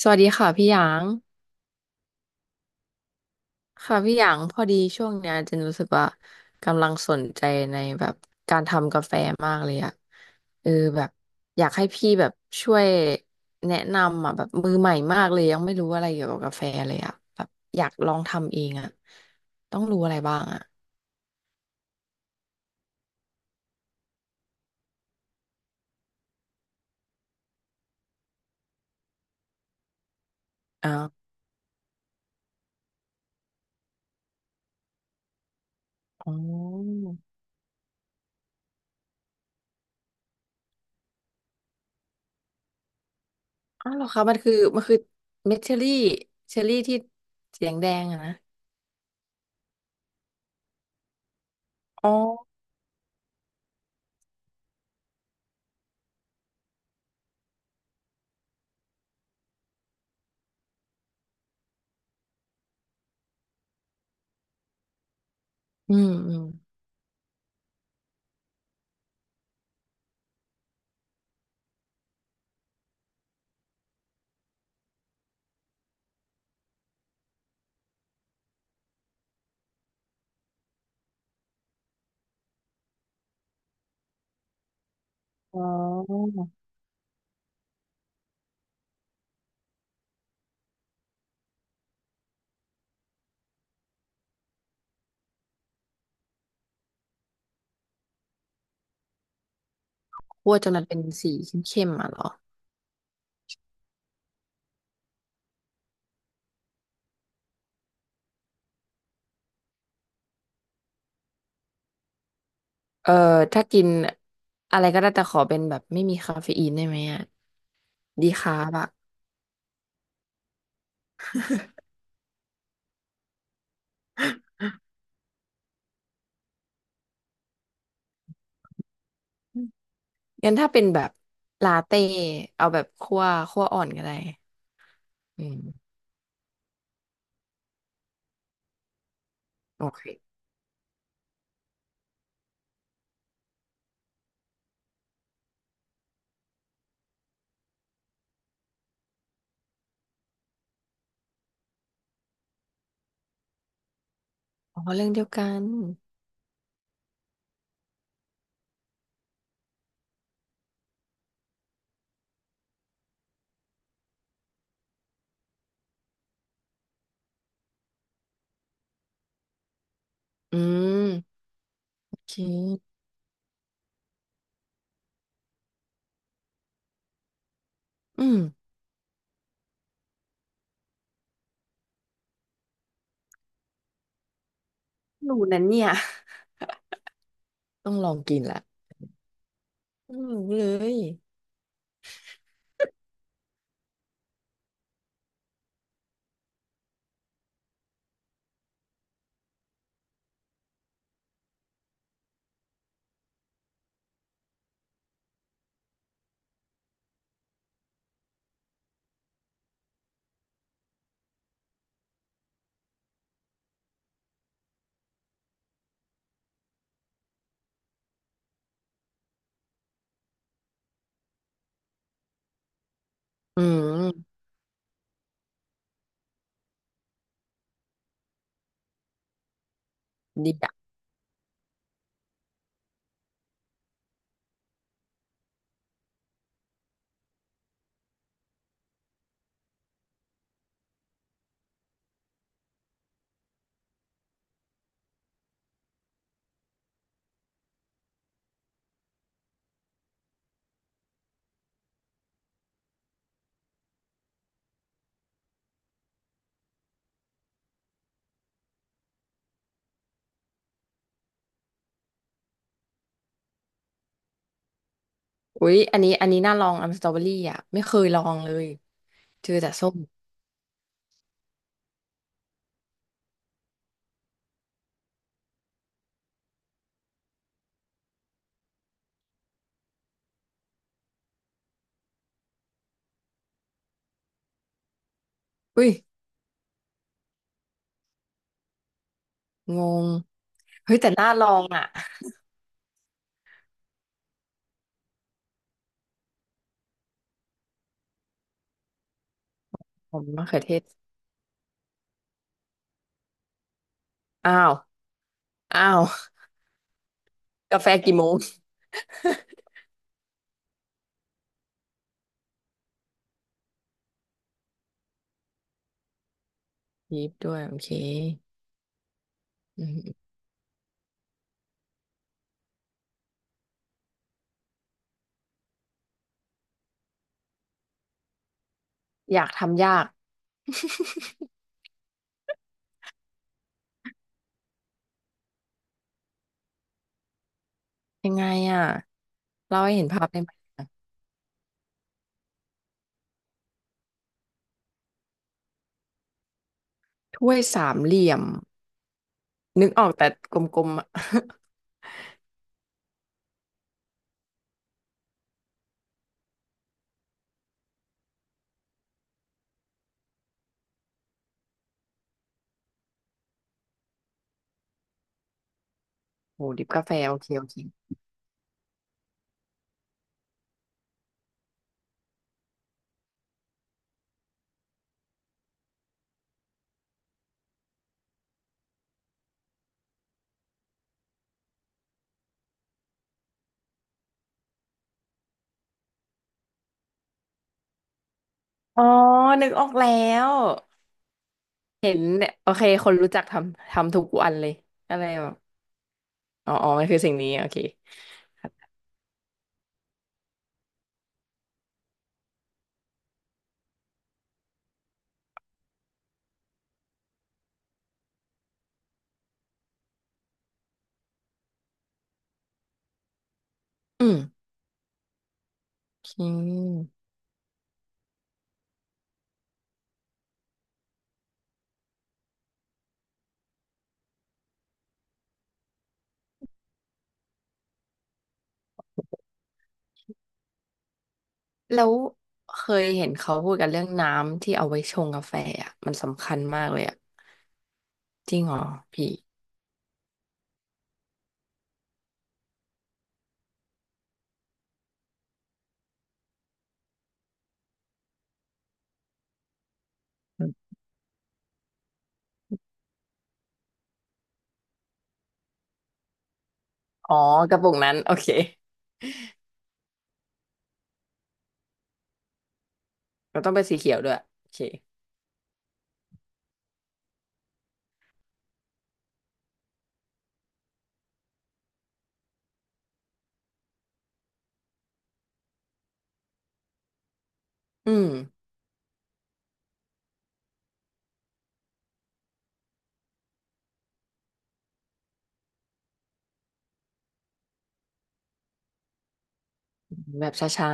สวัสดีค่ะพี่หยางค่ะพี่หยางพอดีช่วงเนี้ยเจนรู้สึกว่ากำลังสนใจในแบบการทำกาแฟมากเลยอะเออแบบอยากให้พี่แบบช่วยแนะนำอะแบบมือใหม่มากเลยยังไม่รู้อะไรเกี่ยวกับกาแฟเลยอะแบบอยากลองทำเองอะต้องรู้อะไรบ้างอะอ้าวอ๋ออ้าวเหรอคะมันคือมันคือเม็ดเชอรี่เชอรี่ที่สีแดงๆอะนะอ๋ออืมอืมอ๋อ คั่วจนมันเป็นสีเข้มๆอ่ะเหรอ เออถ้ากินอะไรก็ได้แต่ขอเป็นแบบไม่มีคาเฟอีนได้ไหมอ่ะดีคาร์บอ่ะอืมงั้นถ้าเป็นแบบลาเต้เอาแบบคั่วคั่วอ่อนก็ได้อืมโอเค อ๋อเรื่องเดียวกัน อืม โอเค อืมรู้นั้นเนี่ยต้องลองกินละ อืมเลย อืมดีอ่ะ อุ๊ยอันนี้อันนี้น่าลองอัมสตรอเบอรี่อ่ะไม่เคยลองเลยเจอแต่ส้มอุ้ยงงเฮ้ยแต่น่าลองอ่ะ ผมมะเขือเทศอ้าวอ้าว กาแฟกี่โมงยีบด้วยโอเคอืมอยากทำยาก ยังไงอ่ะเราให้เห็นภาพได้ไหมอะถ้วยสามเหลี่ยมนึกออกแต่กลมๆอ่ะ โหดิบกาแฟโอเคโอเคอ๋อนึกออกแล้วเห็นเนี่ยโอเคคนรู้จักทำทำทุกวันเลยอะไรแบบอ๋ออ๋อมันคือสิ่งนี้โอเคครับอืมโอเคแล้วเคยเห็นเขาพูดกันเรื่องน้ำที่เอาไว้ชงกาแฟอ่ะมันสำคัญมากเลยอ่ะ จริงเหรอพี่อืมอ๋อกระปุกนั้นโอเคเราต้องเป็นสีเขียวด้วยโอเคอืมแบบช้า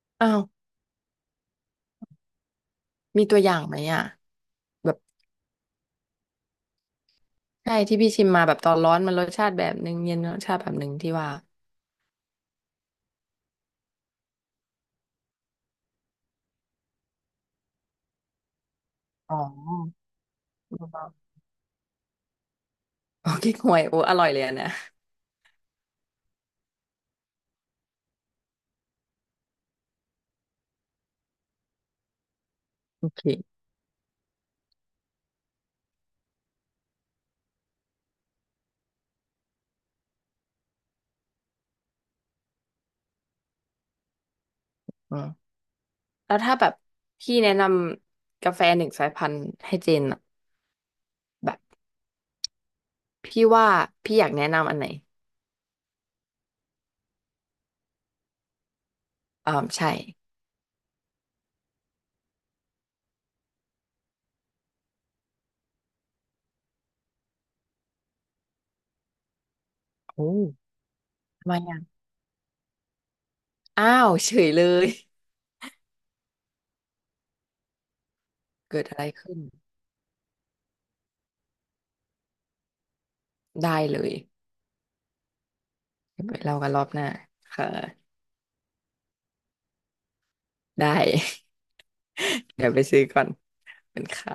ๆอ้าวมีตัวอย่างไหมอ่ะแบบใช่ที่พี่ชิมมาแบบตอนร้อนมันรสชาติแบบนึงเย็นรสชาติแบบนึงที่ว่าอ๋อโอเคห่วยโอ้อร่อยเลยอะนะโอเคอืมแล้วถ้าแบบพี่แนะนำกาแฟหนึ่งสายพันธุ์ให้เจนอะแบบพี่ว่าพี่อยากแนะนำอันไหนอ่าใช่โอ้ทำไมอ่ะอ้าวเฉยเลย เกิดอะไรขึ้น ได้เลยเดี๋ยวไปเล่ากันรอบหน้าค่ะได้ เดี๋ยวไปซื้อก่อนเป็นค่ะ